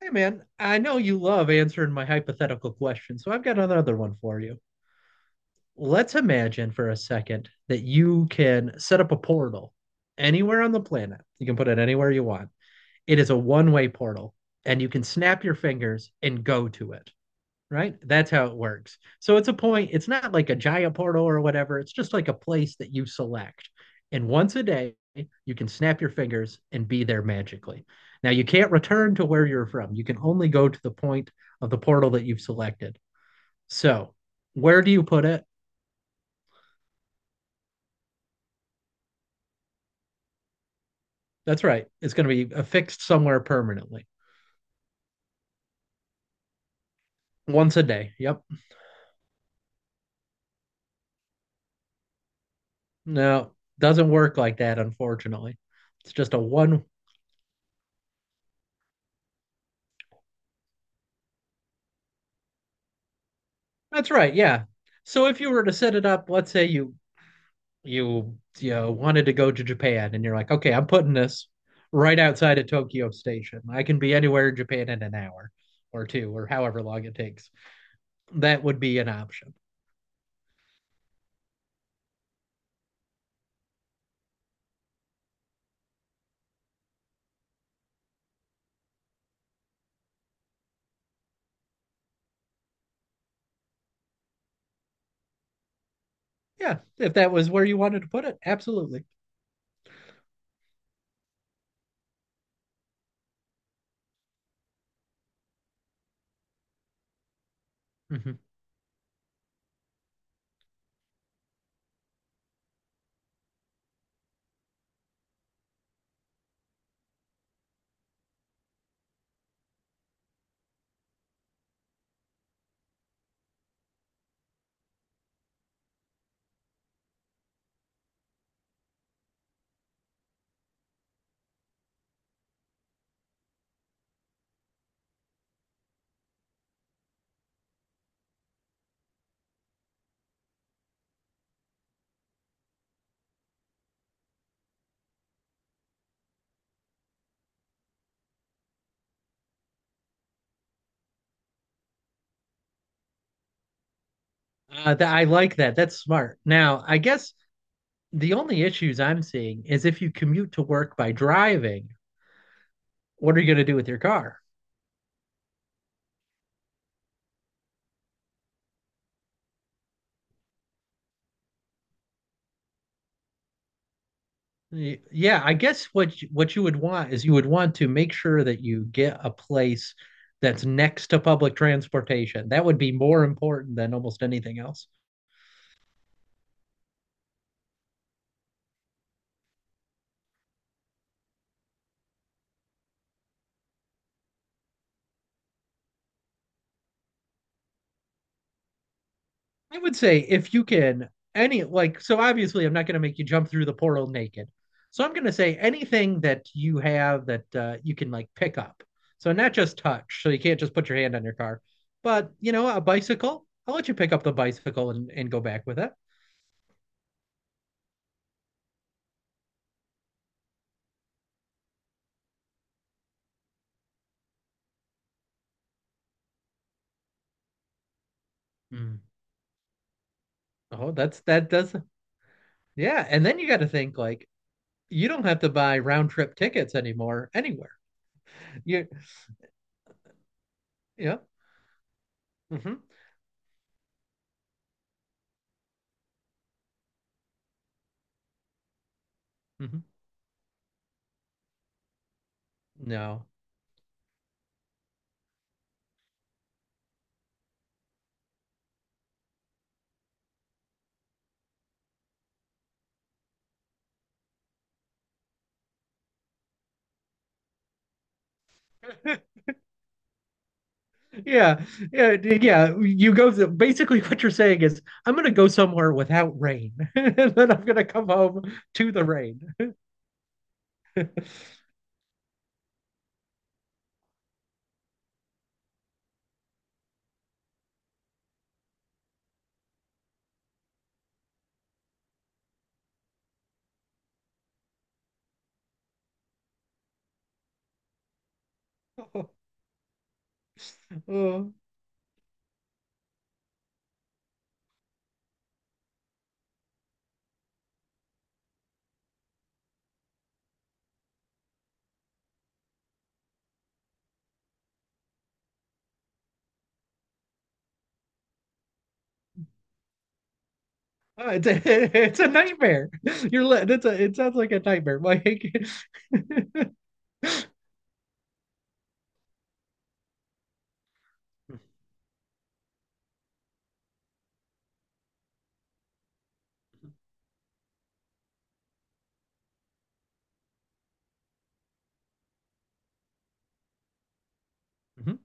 Hey man, I know you love answering my hypothetical questions, so I've got another one for you. Let's imagine for a second that you can set up a portal anywhere on the planet. You can put it anywhere you want. It is a one-way portal, and you can snap your fingers and go to it right? That's how it works. So it's a point, it's not like a Jaya portal or whatever. It's just like a place that you select. And once a day, you can snap your fingers and be there magically. Now, you can't return to where you're from. You can only go to the point of the portal that you've selected. So, where do you put it? That's right. It's going to be affixed somewhere permanently once a day. Yep. No, doesn't work like that, unfortunately. It's just a one. That's right. Yeah. So, if you were to set it up, let's say you wanted to go to Japan and you're like, okay, I'm putting this right outside of Tokyo Station. I can be anywhere in Japan in an hour or two or however long it takes. That would be an option. Yeah, if that was where you wanted to put it, absolutely. hmm I like that. That's smart. Now, I guess the only issues I'm seeing is if you commute to work by driving, what are you going to do with your car? Yeah, I guess what you would want is you would want to make sure that you get a place that's next to public transportation. That would be more important than almost anything else. I would say if you can any like so obviously I'm not going to make you jump through the portal naked. So I'm going to say anything that you have that you can like pick up. So not just touch. So you can't just put your hand on your car, but you know a bicycle. I'll let you pick up the bicycle and go back with it. Hmm. Oh, that's that does Yeah, and then you got to think like you don't have to buy round trip tickets anymore anywhere. You yeah. hmm hmm No. Yeah. Yeah, basically what you're saying is I'm going to go somewhere without rain and then I'm going to come home to the rain. Oh, oh. Oh, it's a, it's a nightmare. It's a it sounds like a nightmare. Like Mhm.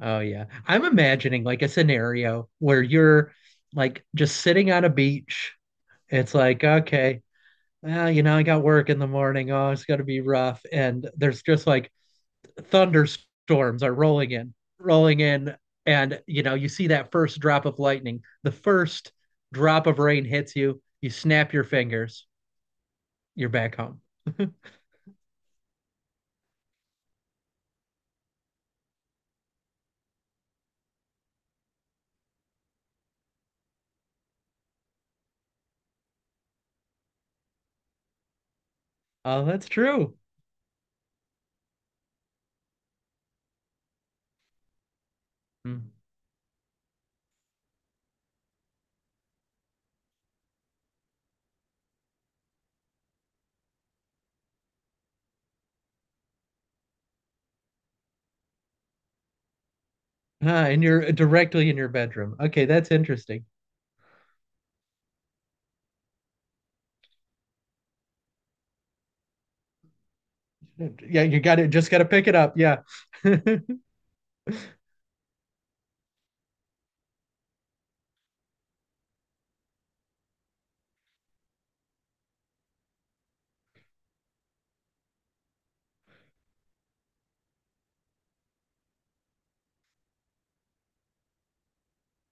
Oh yeah. I'm imagining like a scenario where you're like just sitting on a beach. It's like, okay, well, you know, I got work in the morning. Oh, it's gonna be rough. And there's just like thunderstorms are rolling in, rolling in, and you know, you see that first drop of lightning. The first drop of rain hits you, you snap your fingers, you're back home. Oh, that's true. Hmm. Ah, and you're directly in your bedroom. Okay, that's interesting. Yeah, you got it. Just got to pick it up. Yeah.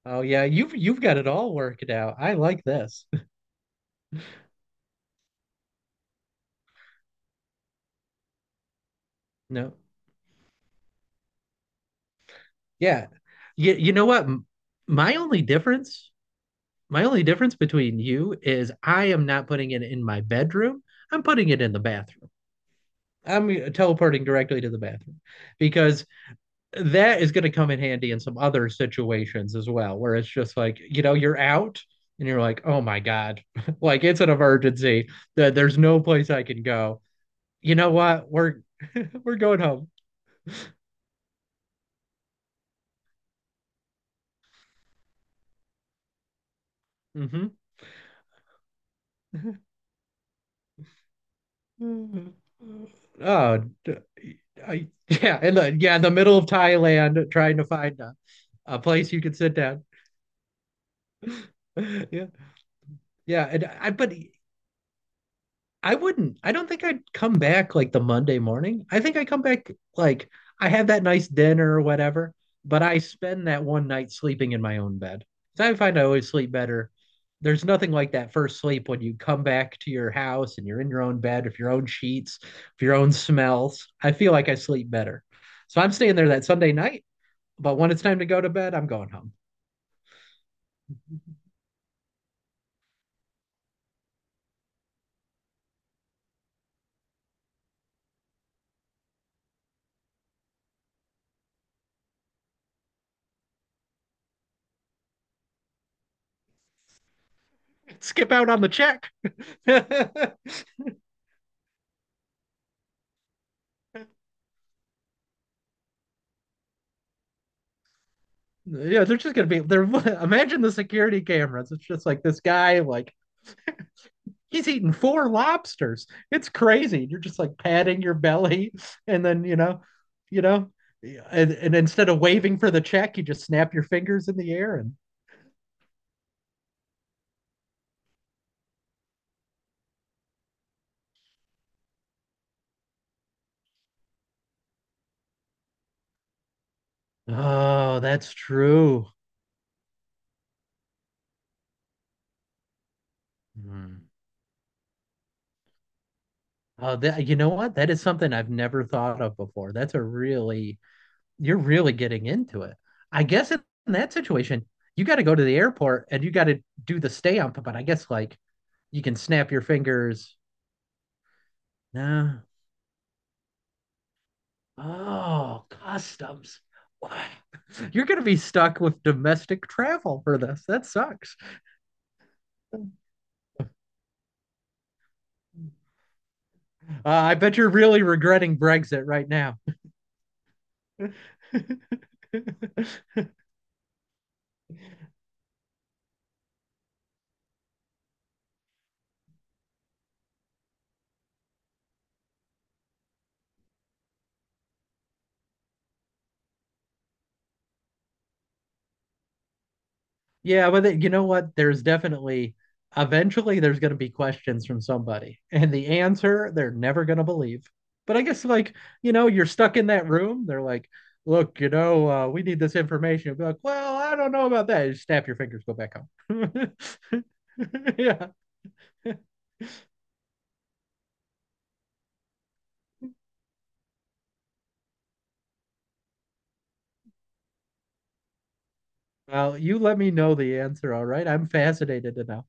Oh yeah, you've got it all worked out. I like this. No. Yeah. You know what? My only difference, my only difference between you is I am not putting it in my bedroom. I'm putting it in the bathroom. I'm teleporting directly to the bathroom because that is going to come in handy in some other situations as well, where it's just like, you know, you're out and you're like, oh my God, like it's an emergency that there's no place I can go. You know what? We're going home. hmm Mm. Oh, d- yeah, in the middle of Thailand, trying to find a place you could sit down. Yeah, yeah, and I but I wouldn't. I don't think I'd come back like the Monday morning. I think I come back like I have that nice dinner or whatever, but I spend that one night sleeping in my own bed. So I find I always sleep better. There's nothing like that first sleep when you come back to your house and you're in your own bed with your own sheets, with your own smells. I feel like I sleep better. So I'm staying there that Sunday night, but when it's time to go to bed, I'm going home. Skip out on the check. Yeah, they're just gonna be they're imagine the security cameras. It's just like this guy, like he's eating four lobsters. It's crazy. You're just like patting your belly and then you know, and instead of waving for the check, you just snap your fingers in the air and oh, that's true. Hmm. Oh, that you know what? That is something I've never thought of before. That's a really you're really getting into it. I guess in that situation, you got to go to the airport and you got to do the stamp. But I guess like you can snap your fingers. No. Oh, customs. Wow. You're going to be stuck with domestic travel for this. That sucks. Uh, I bet you're really regretting Brexit right now. Yeah, you know what? There's definitely eventually there's going to be questions from somebody, and the answer they're never going to believe. But I guess like you know you're stuck in that room. They're like, look, you know, we need this information. You'll be like, well, I don't know about that. You snap your fingers, go back home. Yeah. Well, you let me know the answer, all right? I'm fascinated to know.